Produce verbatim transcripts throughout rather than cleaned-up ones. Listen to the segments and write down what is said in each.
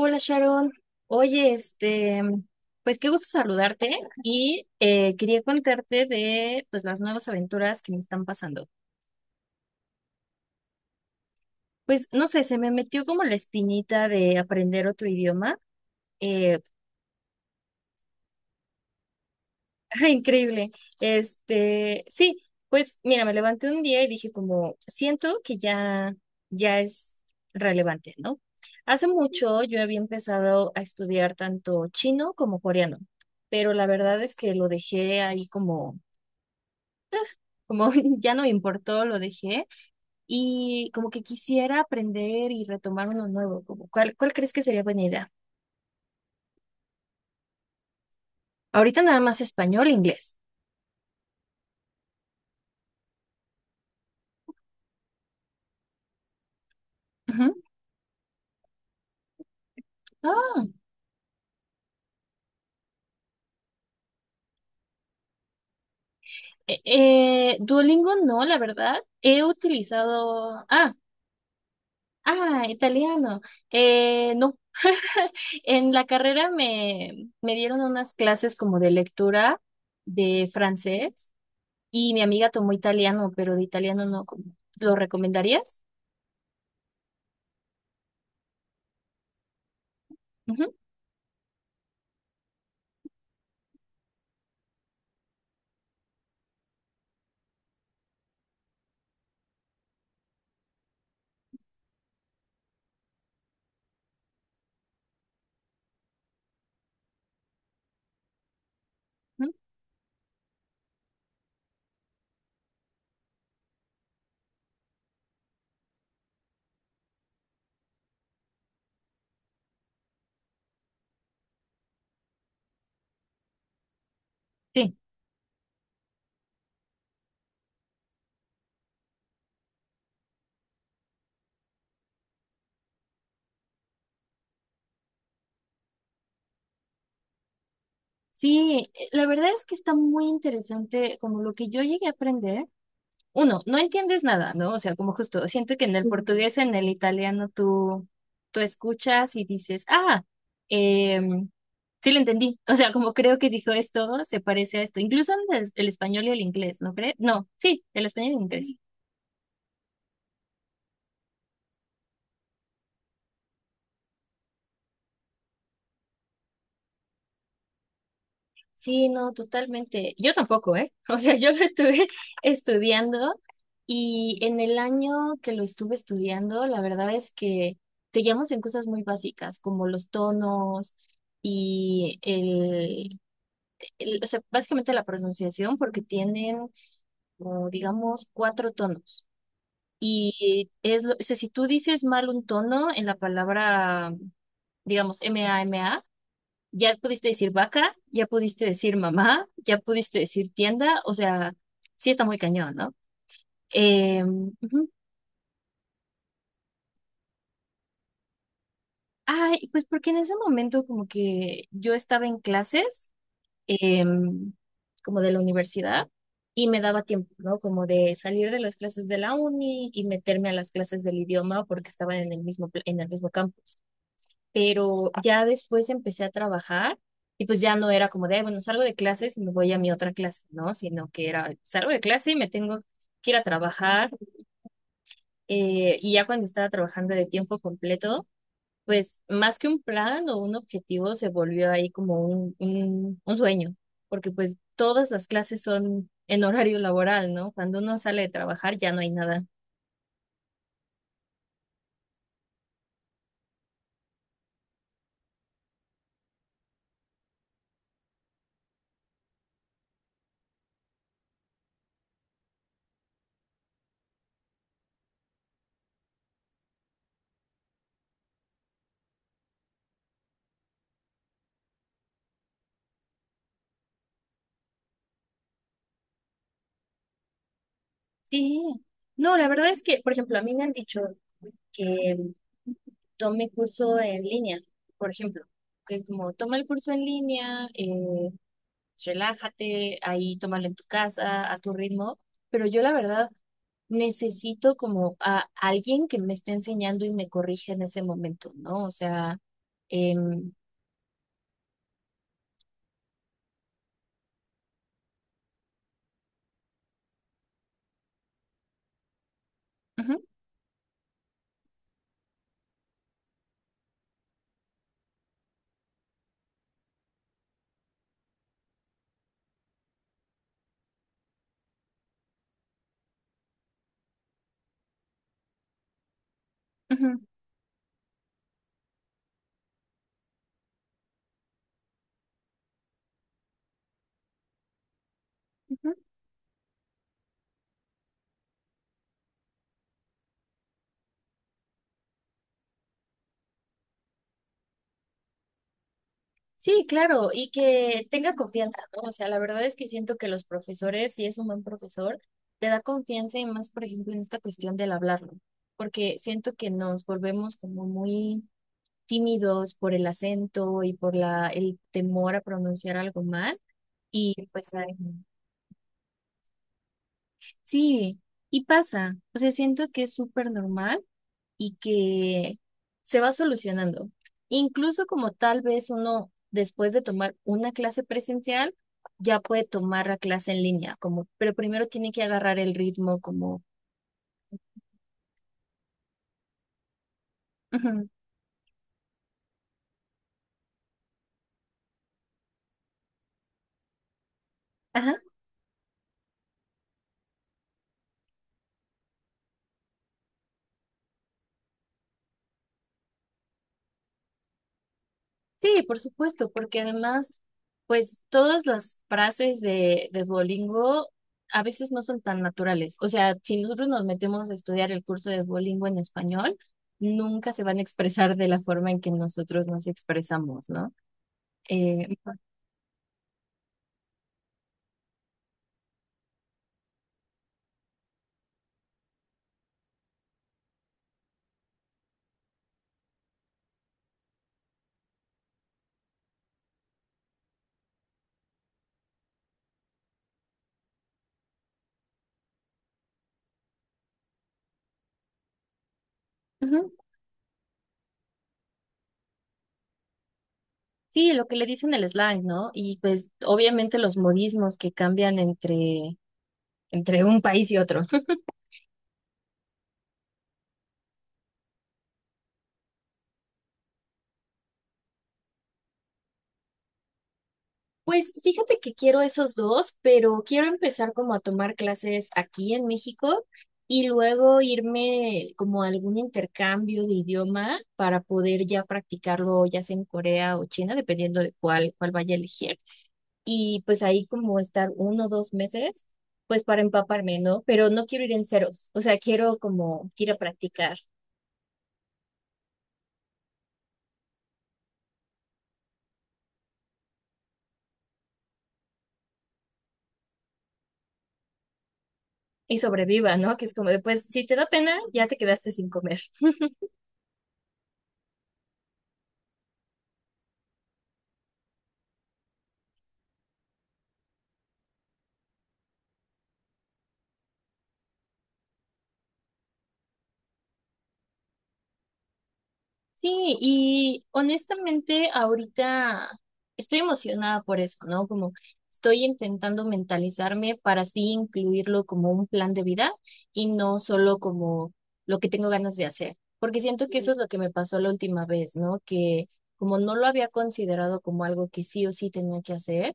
Hola Sharon, oye, este, pues qué gusto saludarte y eh, quería contarte de pues las nuevas aventuras que me están pasando. Pues no sé, se me metió como la espinita de aprender otro idioma. eh, increíble. Este, sí, pues mira, me levanté un día y dije como siento que ya ya es relevante, ¿no? Hace mucho yo había empezado a estudiar tanto chino como coreano, pero la verdad es que lo dejé ahí como como ya no me importó, lo dejé y como que quisiera aprender y retomar uno nuevo, como ¿cuál, cuál crees que sería buena idea? Ahorita nada más español e inglés. Ujú. Ah, eh, eh, Duolingo no, la verdad. He utilizado, ah, ah, italiano. Eh, no, en la carrera me, me dieron unas clases como de lectura de francés y mi amiga tomó italiano, pero de italiano no. ¿Cómo? ¿Lo recomendarías? Ujú, ujú. Sí, eh, la verdad es que está muy interesante como lo que yo llegué a aprender. Uno, no entiendes nada, ¿no? O sea, como justo, siento que en el Ujú, portugués, en el italiano, tú, tú escuchas y dices, ah, em, sí lo entendí. O sea, como creo que dijo esto, se parece a esto. Incluso en el, el español y el inglés, ¿no crees? No, sí, el español y el inglés. Sí, no, totalmente. Yo tampoco, ¿eh? O sea, yo lo estuve estudiando y en el año que lo estuve estudiando, la verdad es que seguíamos en cosas muy básicas, como los tonos y el, el- o sea, básicamente la pronunciación, porque tienen, como, digamos, cuatro tonos. Y es, lo- o sea, si tú dices mal un tono en la palabra, digamos, mama, ya pudiste decir vaca, ya pudiste decir mamá, ya pudiste decir tienda, o sea, sí está muy cañón, ¿no? Eh, ujú. Ay, pues porque en ese momento como que yo estaba en clases, em, como de la universidad, y me daba tiempo, ¿no? Como de salir de las clases de la uni y meterme a las clases del idioma porque estaban en el mismo, pla- en el mismo campus. Pero ya después empecé a trabajar y pues ya no era como de: "Ay, bueno, salgo de clases y me voy a mi otra clase, ¿no?". Sino que era, salgo de clase y me tengo que ir a trabajar. eh, y ya cuando estaba trabajando de tiempo completo, pues más que un plan o un objetivo, se volvió ahí como un, un, un sueño, porque pues todas las clases son en horario laboral, ¿no? Cuando uno sale de trabajar ya no hay nada. Sí, no, la verdad es que, por ejemplo, a mí me han dicho que tome curso en línea, por ejemplo, que como toma el curso en línea, eh, relájate, ahí tómalo en tu casa, a tu ritmo, pero yo la verdad necesito como a alguien que me esté enseñando y me corrija en ese momento, ¿no? O sea, em, ujú, ujú, ujú. Sí, claro, y que tenga confianza, ¿no? O sea, la verdad es que siento que los profesores, si es un buen profesor, te da confianza y más, por ejemplo, en esta cuestión del hablarlo, porque siento que nos volvemos como muy tímidos por el acento y por la, el temor a pronunciar algo mal. Y pues ay, sí, y pasa. O sea, siento que es súper normal y que se va solucionando. Incluso como tal vez uno, después de tomar una clase presencial, ya puede tomar la clase en línea, como, pero primero tiene que agarrar el ritmo, como, ujú, ajá. Sí, por supuesto, porque además, pues todas las frases de, de Duolingo a veces no son tan naturales. O sea, si nosotros nos metemos a estudiar el curso de Duolingo en español, nunca se van a expresar de la forma en que nosotros nos expresamos, ¿no? Eh, ujú. Sí, lo que le dicen el slang, ¿no? Y pues obviamente los modismos que cambian entre, entre un país y otro. Pues fíjate que quiero esos dos, pero quiero empezar como a tomar clases aquí en México y luego irme como a algún intercambio de idioma para poder ya practicarlo ya sea en Corea o China, dependiendo de cuál, cuál vaya a elegir. Y pues ahí como estar uno o dos meses, pues para empaparme, ¿no? Pero no quiero ir en ceros, o sea, quiero como ir a practicar y sobreviva, ¿no? Que es como después, si te da pena, ya te quedaste sin comer. Sí, y honestamente ahorita estoy emocionada por eso, ¿no? Como estoy intentando mentalizarme para así incluirlo como un plan de vida y no solo como lo que tengo ganas de hacer, porque siento que eso es lo que me pasó la última vez, ¿no? Que como no lo había considerado como algo que sí o sí tenía que hacer,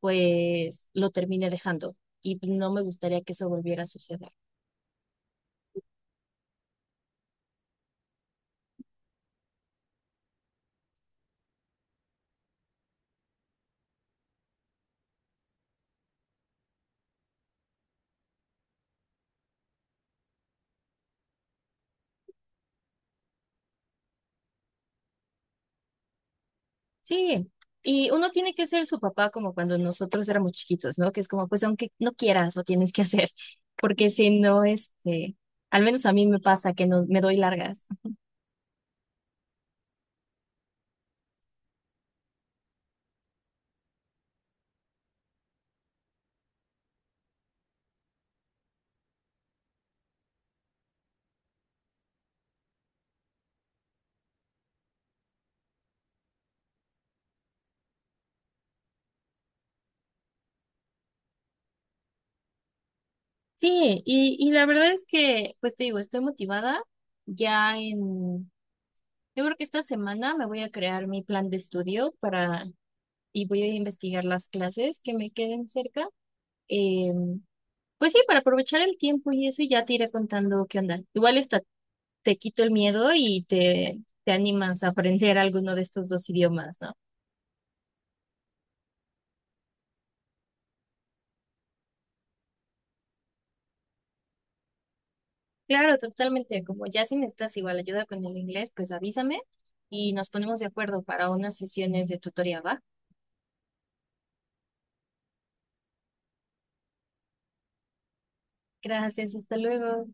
pues lo terminé dejando y no me gustaría que eso volviera a suceder. Sí, y uno tiene que ser su papá como cuando nosotros éramos chiquitos, ¿no? Que es como, pues aunque no quieras, lo tienes que hacer, porque si no, este, al menos a mí me pasa que no me doy largas. Sí, y, y la verdad es que, pues te digo, estoy motivada. Ya en, yo creo que esta semana me voy a crear mi plan de estudio para, y voy a investigar las clases que me queden cerca. em, Pues sí, para aprovechar el tiempo y eso y ya te iré contando qué onda. Igual está, te quito el miedo y te, te animas a aprender alguno de estos dos idiomas, ¿no? Claro, totalmente. Como ya si necesitas igual ayuda con el inglés, pues avísame y nos ponemos de acuerdo para unas sesiones de tutoría, ¿va? Gracias, hasta luego.